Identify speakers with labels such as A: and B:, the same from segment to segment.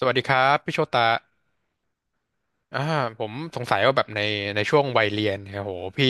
A: สวัสดีครับพี่โชตาอ่าผมสงสัยว่าแบบในช่วงวัยเรียนเนี่ยโหพี่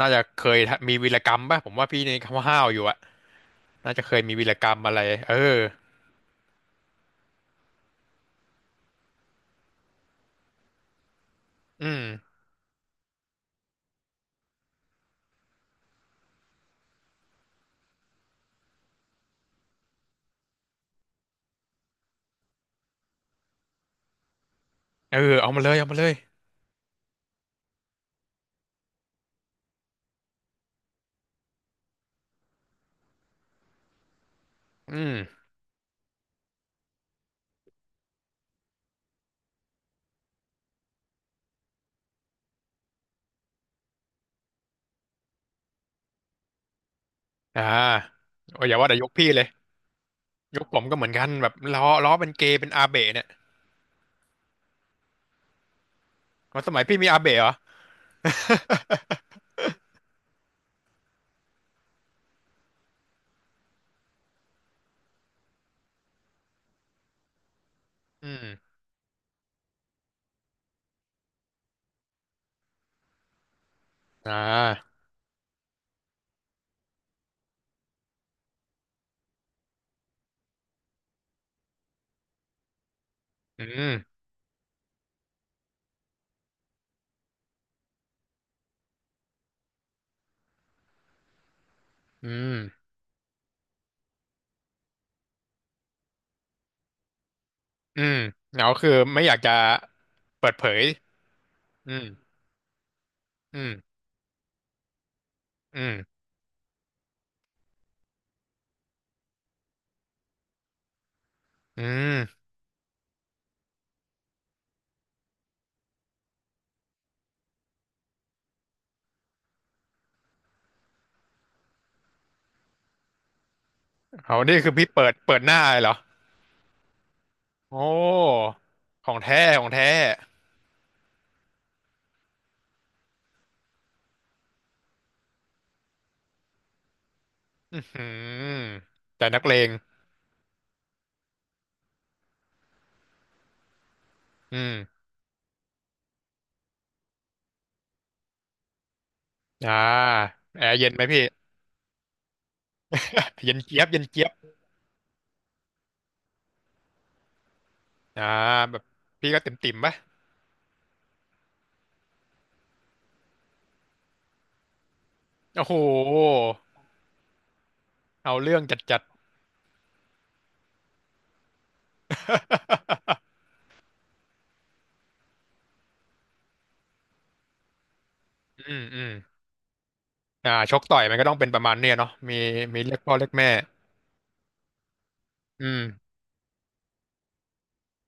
A: น่าจะเคยมีวีรกรรมป่ะผมว่าพี่ในคำว่าห้าวอยู่อะน่าจะเคยมีวีรกรรมอะไรเอออืมเออเอามาเลยเอามาเลยอืมอ่าโอ้ยอย่าว่าแต่ยกพี่เลยยกผมก็เหมือนกันแบบล้อเป็นเกย์เป็นอาเบะเนี่ยมันสมัยพี่มีอาเบะเหรออืมอ่าอืมอืมอืมแล้วคือไม่อยากจะเปิดเผยอืมอืมอืมอืม เอานี่คือพี่เปิดหน้าเลยเหรอโอ้ของแท้ของแท้อือหือแต่นักเลงอืมอ่าแอร์เย็นไหมพี่ เย็นเจี๊ยบเย็นเจี๊ยบอ่าแบบพี่ก็เติ่มติ่มปะโอ้โหเอาเรื่องจัดจัด อืมอืมชกต่อยมันก็ต้องเป็นประมาณเนี้ยเนาะมีเรียกพ่อเรียกแม่อืม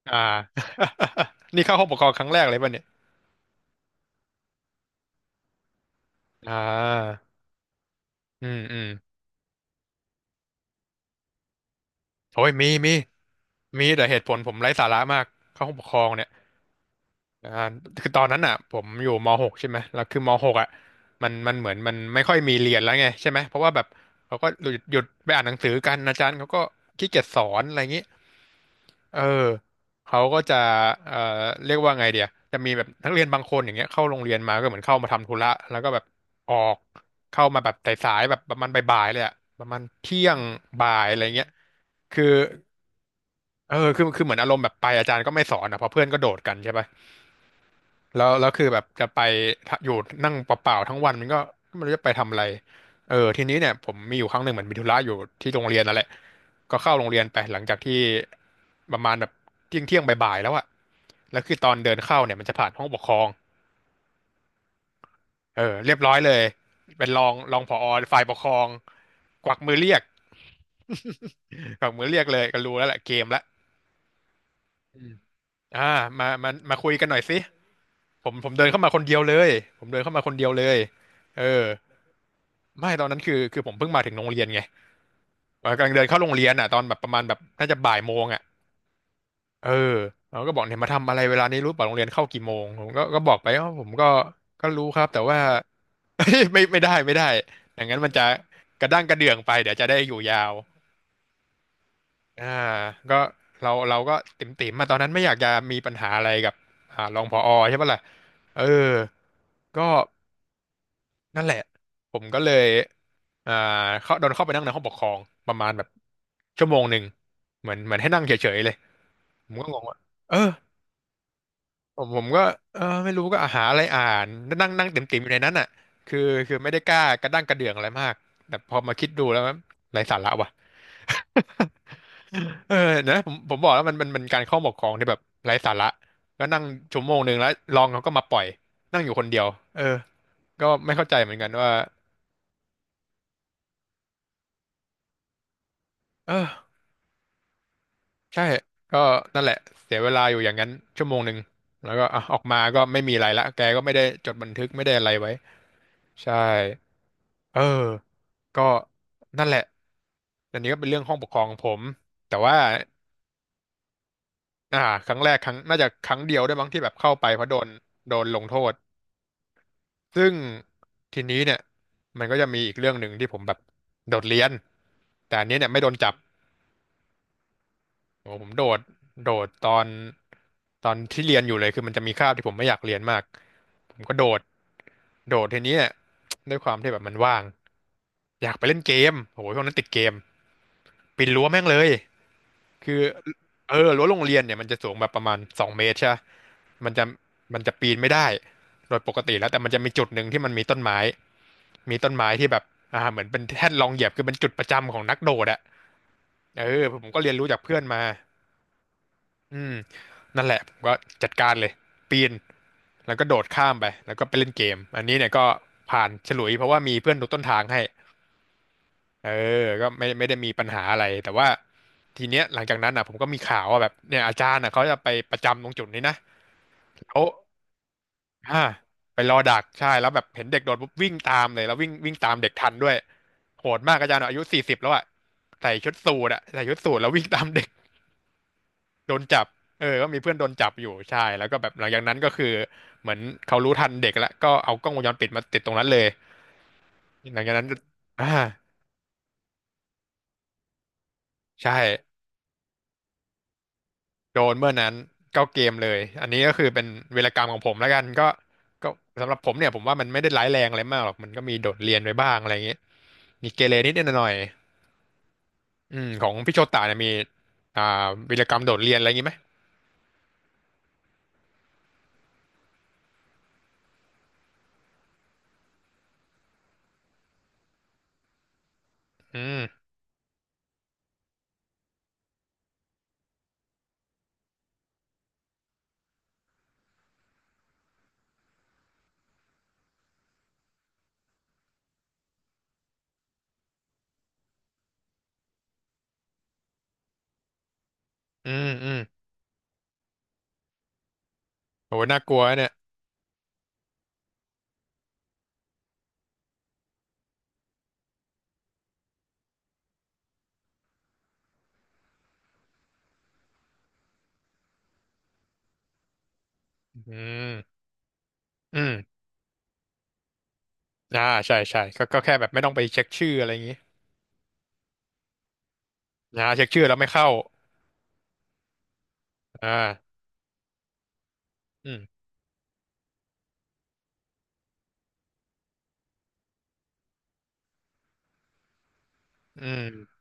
A: อ่า นี่เข้าห้องปกครองครั้งแรกเลยป่ะเนี่ยอ่าอืมอืมโอ้ยมีมี มีแต่เหตุผลผมไร้สาระมากเข้าห้องปกครองเนี่ยอ่าคือตอนนั้นอ่ะผมอยู่ม .6 ใช่ไหมแล้วคือม .6 อ่ะมันเหมือนมันไม่ค่อยมีเรียนแล้วไงใช่ไหมเพราะว่าแบบเขาก็หยุดไปอ่านหนังสือกันอาจารย์เขาก็ขี้เกียจสอนอะไรอย่างนี้เออเขาก็จะเอ่อเรียกว่าไงเดียจะมีแบบนักเรียนบางคนอย่างเงี้ยเข้าโรงเรียนมาก็เหมือนเข้ามาทำธุระแล้วก็แบบออกเข้ามาแบบสายๆแบบประมาณบ่ายๆเลยอ่ะประมาณเที่ยงบ่ายอะไรเงี้ยคือ เออคือเหมือนอารมณ์แบบไปอาจารย์ก็ไม่สอนนะเพราะเพื่อนก็โดดกันใช่ปะแล้วคือแบบจะไปอยู่นั่งเปล่าๆทั้งวันมันก็ไม่รู้จะไปทำอะไรเออทีนี้เนี่ยผมมีอยู่ครั้งหนึ่งเหมือนมีธุระอยู่ที่โรงเรียนนั่นแหละก็เข้าโรงเรียนไปหลังจากที่ประมาณแบบเที่ยงบ่ายๆแล้วอะแล้วคือตอนเดินเข้าเนี่ยมันจะผ่านห้องปกครองเออเรียบร้อยเลยเป็นรองผอฝ่ายปกครองกวักมือเรียก กวักมือเรียกเลยก็รู้แล้วแหละเกมละอ่ามามาคุยกันหน่อยสิ ผมเดินเข้ามาคนเดียวเลยผมเดินเข้ามาคนเดียวเลยเออไม่ตอนนั้นคือผมเพิ่งมาถึงโรงเรียนไงกำลังเดินเข้าโรงเรียนอ่ะตอนแบบประมาณแบบน่าจะบ่ายโมงอ่ะเออเราก็บอกเนี่ยมาทำอะไรเวลานี้รู้ป่ะโรงเรียนเข้ากี่โมงผมก็บอกไปว่าผมก็ก็รู้ครับแต่ว่า ไม่ไม่ได้อย่างนั้นมันจะกระด้างกระเดื่องไปเดี๋ยวจะได้อยู่ยาวอ่าก็เราก็ติ่มติ่มมาตอนนั้นไม่อยากจะมีปัญหาอะไรกับรองผอใช่ปะล่ะเออก็ นั่นแหละผมก็เลยอ่าเขาโดนเข้าไปนั่งในห้องปกครองประมาณแบบชั่วโมงหนึ่งเหมือนเหมือนให้นั่งเฉยๆเลยผมก็งงว่าเออผมก็เออไม่รู้ก็หาอะไรอ่านนั่งนั่งเต็มๆอยู่ในนั้นอ่ะคือคือไม่ได้กล้ากระด้างกระเดื่องอะไรมากแต่พอมาคิดดูแล้วมันไร้สาระว่ะเออนะผมบอกแล้วมันการเข้าปกครองที่แบบไร้สาระก็นั่งชั่วโมงหนึ่งแล้วรองเขาก็มาปล่อยนั่งอยู่คนเดียวเออก็ไม่เข้าใจเหมือนกันว่าเออ ใช่ ก็นั่นแหละเสียเวลาอยู่อย่างนั้นชั่วโมงหนึ่งแล้วก็อ่ะออกมาก็ไม่มีอะไรละแกก็ไม่ได้จดบันทึกไม่ได้อะไรไว้ใช่เออก็นั่นแหละอันนี้ก็เป็นเรื่องห้องปกครองของผมแต่ว่าอ่าครั้งแรกครั้งน่าจะครั้งเดียวด้วยมั้งที่แบบเข้าไปเพราะโดนโดนลงโทษซึ่งทีนี้เนี่ยมันก็จะมีอีกเรื่องหนึ่งที่ผมแบบโดดเรียนแต่อันนี้เนี่ยไม่โดนจับ โอ้ผมโดดโดดตอนที่เรียนอยู่เลยคือมันจะมีคาบที่ผมไม่อยากเรียนมากผมก็โดดโดดทีนี้เนี่ยด้วยความที่แบบมันว่างอยากไปเล่นเกมโหช่วงนั้นติดเกมปีนรั้วแม่งเลยคือเออรั้วโรงเรียนเนี่ยมันจะสูงแบบประมาณ2 เมตรใช่ปะมันจะมันจะปีนไม่ได้โดยปกติแล้วแต่มันจะมีจุดหนึ่งที่มันมีต้นไม้มีต้นไม้ที่แบบเหมือนเป็นแท่นรองเหยียบคือเป็นจุดประจำของนักโดดอะเออผมก็เรียนรู้จากเพื่อนมา อืมนั่นแหละผมก็จัดการเลยปีนแล้วก็โดดข้ามไปแล้วก็ไปเล่นเกมอันนี้เนี่ยก็ผ่านฉลุยเพราะว่ามีเพื่อนดูต้นทางให้เออก็ไม่ได้มีปัญหาอะไรแต่ว่าทีเนี้ยหลังจากนั้นอ่ะผมก็มีข่าวว่าแบบเนี่ยอาจารย์อ่ะเขาจะไปประจำตรงจุดนี้นะแล้วอ่าไปรอดักใช่แล้วแบบเห็นเด็กโดดปุ๊บวิ่งตามเลยแล้ววิ่งวิ่งตามเด็กทันด้วยโหดมากอาจารย์อะอายุ40แล้วอ่ะใส่ชุดสูทอ่ะใส่ชุดสูทแล้ววิ่งตามเด็ก โดนจับ เออก็มีเพื่อนโดนจับอยู่ใช่แล้วก็แบบหลังจากนั้นก็คือเหมือนเขารู้ทันเด็กแล้วก็เอากล้องวงจรปิดมาติดตรงนั้นเลยหลังจากนั้นอ่าใช่โดนเมื่อนั้นก็เกมเลย อันนี้ก็คือเป็นเวีรกรรมของผมแล้วกันก็สำหรับผมเนี่ยผมว่ามันไม่ได้ร้ายแรงอะไรมากหรอก มันก็มีโดดเรียนไปบ้างอะไรอย่างเงี้ยมีเกเรนิดนหน่อยๆอืมของพี่โชตาเนี่ยมีอ่าวีรกรรมโดดเรียนอะไรอย่างงี้ไหมอืมอืมอืมโหน่ากลัวเนี่ยอืมอืม อ่าใช่ใช่ก็แค่แบบไม่ต้องไปเช็คชื่ออะไรอย่างงี้นะเช็คชื่อแล้วไม่เข้าอ่าอืมอืม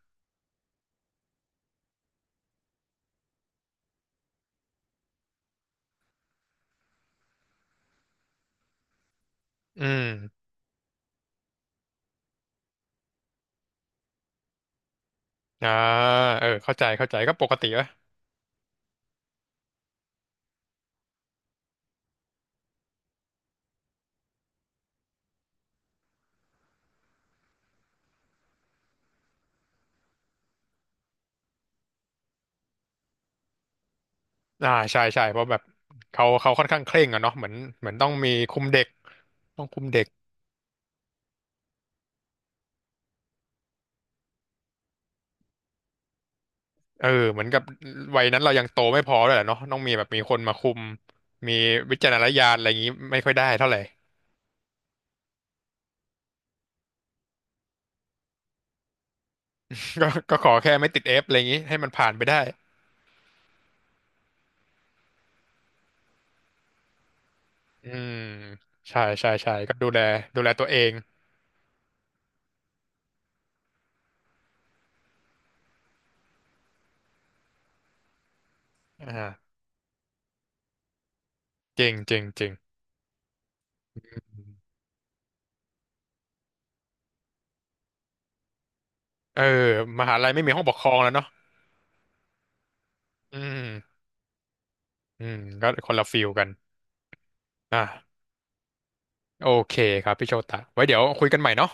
A: อืมอ่าเออเข้าใจก็ปกติวะอ่าใช่ใช่เพราะแบบเขาค่อนข้างเคร่งอะเนาะเหมือนต้องมีคุมเด็กต้องคุมเด็กเออเหมือนกับวัยนั้นเรายังโตไม่พอเลยแหละเนาะต้องมีแบบมีคนมาคุมมีวิจารณญาณอะไรอย่างงี้ไม่ค่อยได้เท่าไหร่ ก็ขอแค่ไม่ติดเอฟอะไรอย่างงี้ให้มันผ่านไปได้อืมใช่ใช่ใช่ก็ดูแลตัวเองอ่า เจริงเจริงเจริง เออมหาลัยไม่มีห้องปกครองแล้วเนาะอืมอืมก็คนละฟิลกัน อ่ะโอเคครับพี่โชตะไว้เดี๋ยวคุยกันใหม่เนาะ